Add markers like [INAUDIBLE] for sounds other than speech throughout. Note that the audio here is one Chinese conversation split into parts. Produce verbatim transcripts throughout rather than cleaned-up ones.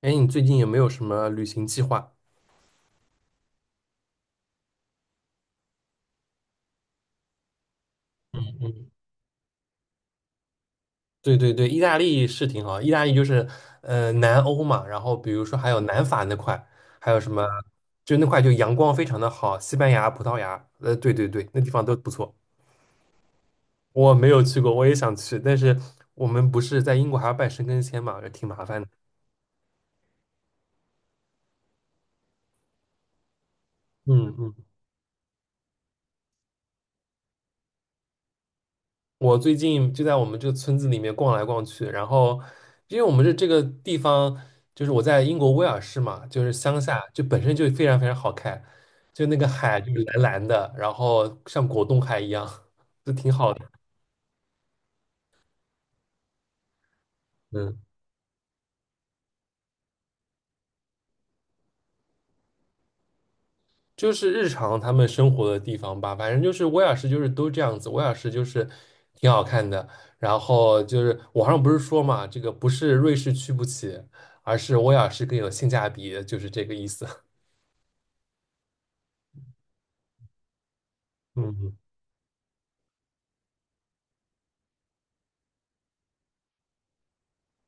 哎，你最近有没有什么旅行计划？对对对，意大利是挺好，意大利就是呃南欧嘛，然后比如说还有南法那块，还有什么，就那块就阳光非常的好，西班牙、葡萄牙，呃，对对对，那地方都不错。我没有去过，我也想去，但是我们不是在英国还要办申根签嘛，就挺麻烦的。嗯嗯。我最近就在我们这个村子里面逛来逛去，然后因为我们这这个地方，就是我在英国威尔士嘛，就是乡下，就本身就非常非常好看，就那个海就是蓝蓝的，然后像果冻海一样，就挺好的。嗯，就是日常他们生活的地方吧，反正就是威尔士就是都这样子，威尔士就是挺好看的。然后就是网上不是说嘛，这个不是瑞士去不起，而是威尔士更有性价比，就是这个意思。[LAUGHS] 嗯，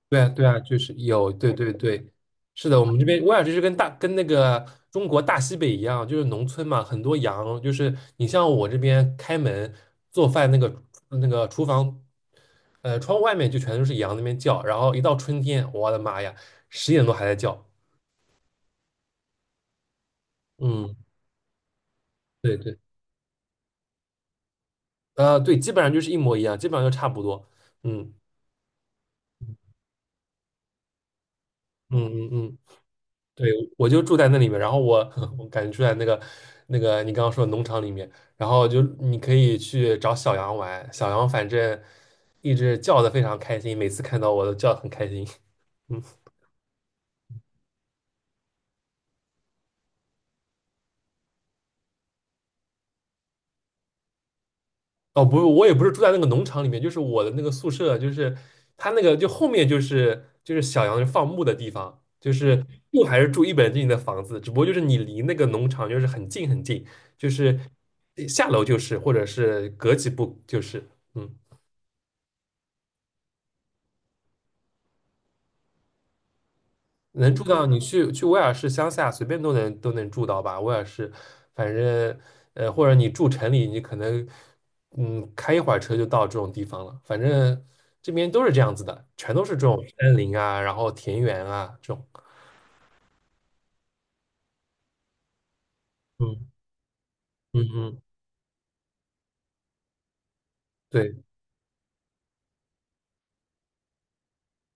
对啊，对啊，就是有，对对对，是的，我们这边威尔士是跟大跟那个中国大西北一样，就是农村嘛，很多羊，就是你像我这边开门做饭那个那个厨房，呃，窗户外面就全都是羊那边叫，然后一到春天，我的妈呀，十点多还在叫。嗯，对对，呃，对，基本上就是一模一样，基本上就差不多。嗯嗯嗯嗯。对，我就住在那里面，然后我 [LAUGHS] 我感觉住在那个那个你刚刚说的农场里面，然后就你可以去找小羊玩，小羊反正一直叫的非常开心，每次看到我都叫得很开心。[LAUGHS] 嗯。哦，不是，我也不是住在那个农场里面，就是我的那个宿舍，就是它那个就后面就是就是小羊放牧的地方。就是住还是住一本正经的房子，只不过就是你离那个农场就是很近很近，就是下楼就是，或者是隔几步就是。嗯。能住到。你去去威尔士乡下，随便都能都能住到吧。威尔士，反正呃，或者你住城里，你可能嗯开一会儿车就到这种地方了。反正这边都是这样子的，全都是这种山林啊，然后田园啊这种。嗯嗯嗯。对。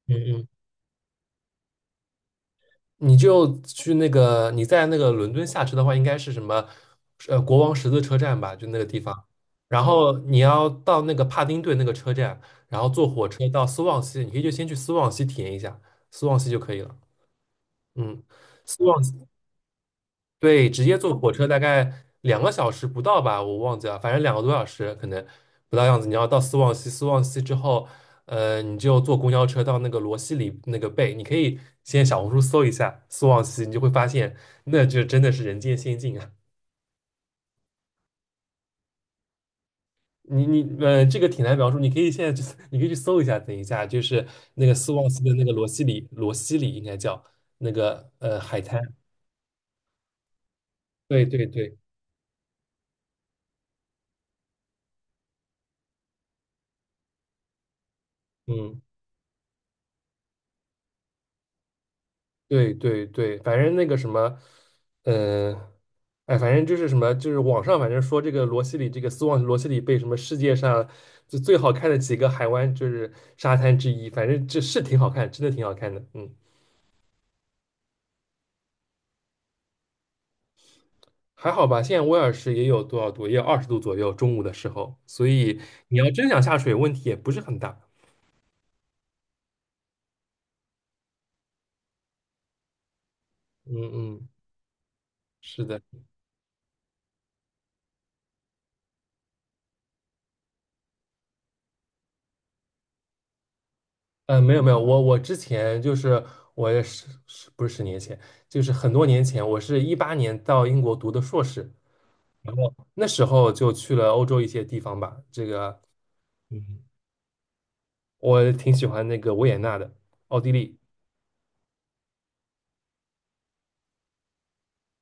嗯嗯。你就去那个，你在那个伦敦下车的话，应该是什么，呃，国王十字车站吧，就那个地方。然后你要到那个帕丁顿那个车站，然后坐火车到斯旺西，你可以就先去斯旺西体验一下，斯旺西就可以了。嗯。斯旺西，对，直接坐火车大概两个小时不到吧，我忘记了，反正两个多小时可能不到样子。你要到斯旺西，斯旺西之后，呃，你就坐公交车到那个罗西里那个贝，你可以先小红书搜一下斯旺西，你就会发现那就真的是人间仙境啊。你你呃，这个挺难描述，你可以现在就 [LAUGHS] 你可以去搜一下，等一下就是那个斯旺西的那个罗西里，罗西里应该叫那个呃海滩。对对对。嗯。对对对，反正那个什么，嗯、呃，哎，反正就是什么，就是网上反正说这个罗西里，这个斯旺罗西里被什么世界上就最好看的几个海湾就是沙滩之一，反正这是挺好看，真的挺好看的。嗯。还好吧。现在威尔士也有多少度，也有二十度左右，中午的时候，所以你要真想下水，问题也不是很大。嗯嗯。是的。嗯。呃，没有没有，我我之前就是，我也是是不是十年前，就是很多年前，我是一八年到英国读的硕士。然后那时候就去了欧洲一些地方吧，这个嗯我挺喜欢那个维也纳的，奥地利。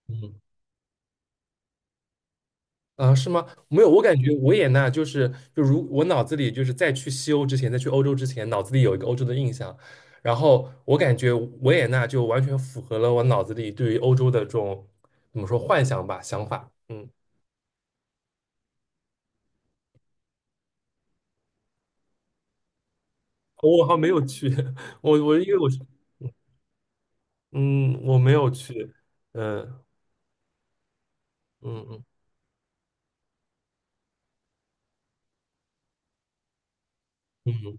嗯啊，是吗？没有，我感觉维也纳就是，就如我脑子里就是在去西欧之前，在去欧洲之前，脑子里有一个欧洲的印象，然后我感觉维也纳就完全符合了我脑子里对于欧洲的这种怎么说幻想吧，想法。嗯。我好像没有去，[LAUGHS] 我我因为我是嗯我没有去。嗯嗯。嗯嗯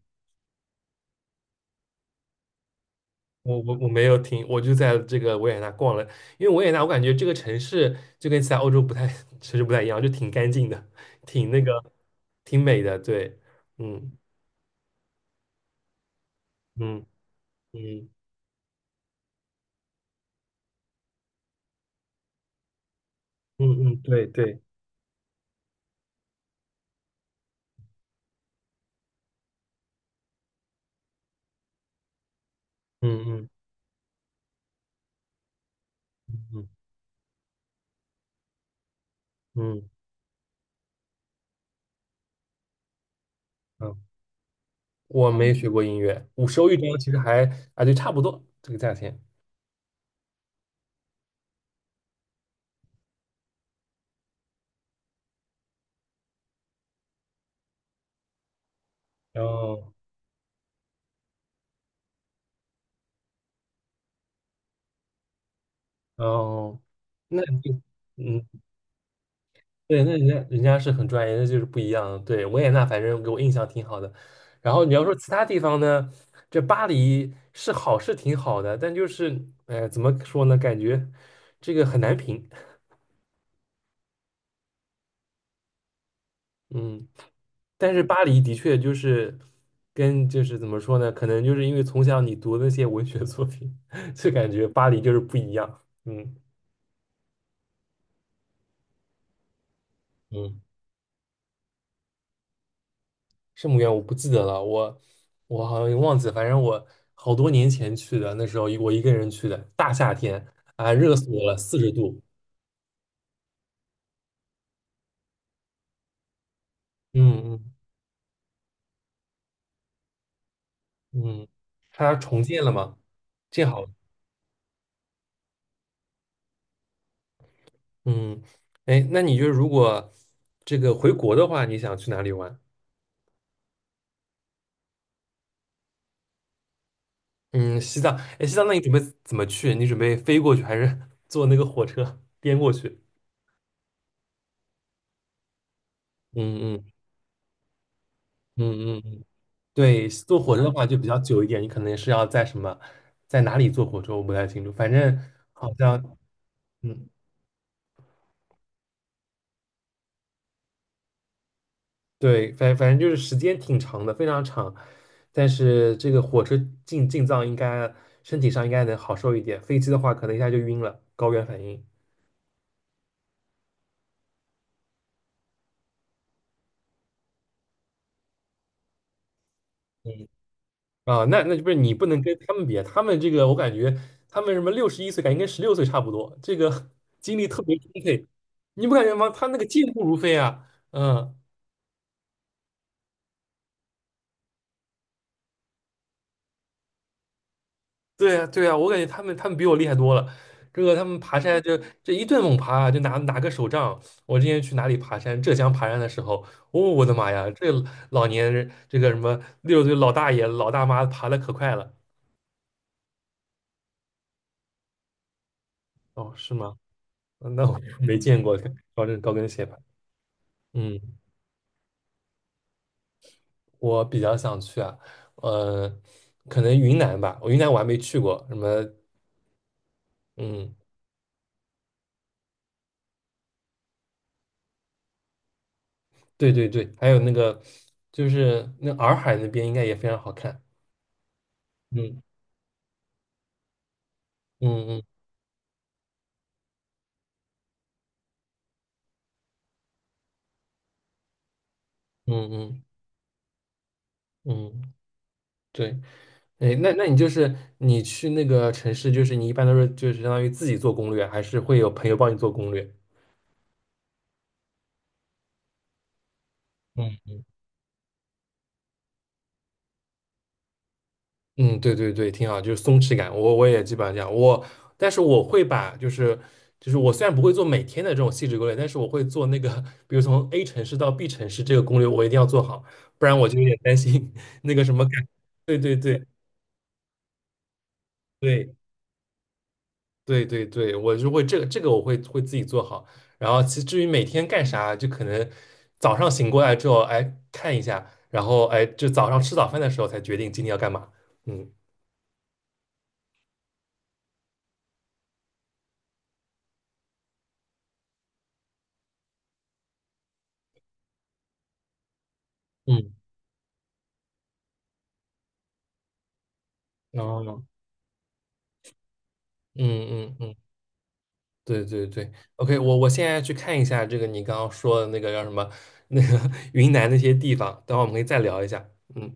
我我我没有听，我就在这个维也纳逛了，因为维也纳我感觉这个城市就跟其他欧洲不太 [LAUGHS] 城市不太一样，就挺干净的，挺那个，挺美的。对。嗯嗯嗯嗯嗯。对对。嗯嗯嗯嗯嗯。我没学过音乐，我收欧一张其实还，啊就差不多这个价钱。然后然后那你嗯对，那人家人家是很专业，那就是不一样。对，维也纳，反正给我印象挺好的。然后你要说其他地方呢，这巴黎是好是挺好的，但就是，呃，怎么说呢？感觉这个很难评。嗯。但是巴黎的确就是跟就是怎么说呢？可能就是因为从小你读那些文学作品，[LAUGHS] 就感觉巴黎就是不一样。嗯嗯。圣母院我不记得了，我我好像也忘记了，反正我好多年前去的，那时候一我一个人去的，大夏天啊，热死我了，四十度。嗯嗯嗯。它重建了嘛，建好了。嗯。哎，那你就是如果这个回国的话，你想去哪里玩？嗯，西藏，哎，西藏，那你准备怎么去？你准备飞过去，还是 [LAUGHS] 坐那个火车 [LAUGHS] 颠过去？嗯嗯嗯嗯嗯。对，坐火车的话就比较久一点，你可能是要在什么，在哪里坐火车，我不太清楚。反正好像，嗯，对，反反正就是时间挺长的，非常长。但是这个火车进进藏应该身体上应该能好受一点，飞机的话可能一下就晕了，高原反应。嗯。啊，那那就不是，你不能跟他们比，他们这个我感觉他们什么六十一岁，感觉跟十六岁差不多，这个 [LAUGHS] 精力特别充沛，你不感觉吗？他那个健步如飞啊。嗯。对呀，对呀，我感觉他们他们比我厉害多了。这个他们爬山就这一顿猛爬啊就拿拿个手杖。我之前去哪里爬山，浙江爬山的时候，哦，我的妈呀，这老年人这个什么六十岁老大爷老大妈爬的可快了。哦，是吗？那我没见过高跟高跟鞋吧？嗯。我比较想去啊，呃，可能云南吧，我云南我还没去过。什么？嗯。对对对，还有那个就是那洱海那边应该也非常好看。嗯。嗯嗯嗯嗯嗯。对。哎，那那你就是你去那个城市，就是你一般都是就是相当于自己做攻略，还是会有朋友帮你做攻略？嗯。嗯。对对对，挺好，就是松弛感，我我也基本上这样，我但是我会把就是就是我虽然不会做每天的这种细致攻略，但是我会做那个，比如从 A 城市到 B 城市这个攻略，我一定要做好，不然我就有点担心 [LAUGHS] 那个什么感。对对对对对对对。我就会这个这个我会会自己做好。然后其至于每天干啥，就可能早上醒过来之后，哎看一下，然后哎就早上吃早饭的时候才决定今天要干嘛。嗯嗯。然后呢？嗯嗯嗯。对对对。OK，我我现在去看一下这个你刚刚说的那个叫什么那个 [LAUGHS] 云南那些地方，等会儿我们可以再聊一下。嗯。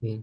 嗯。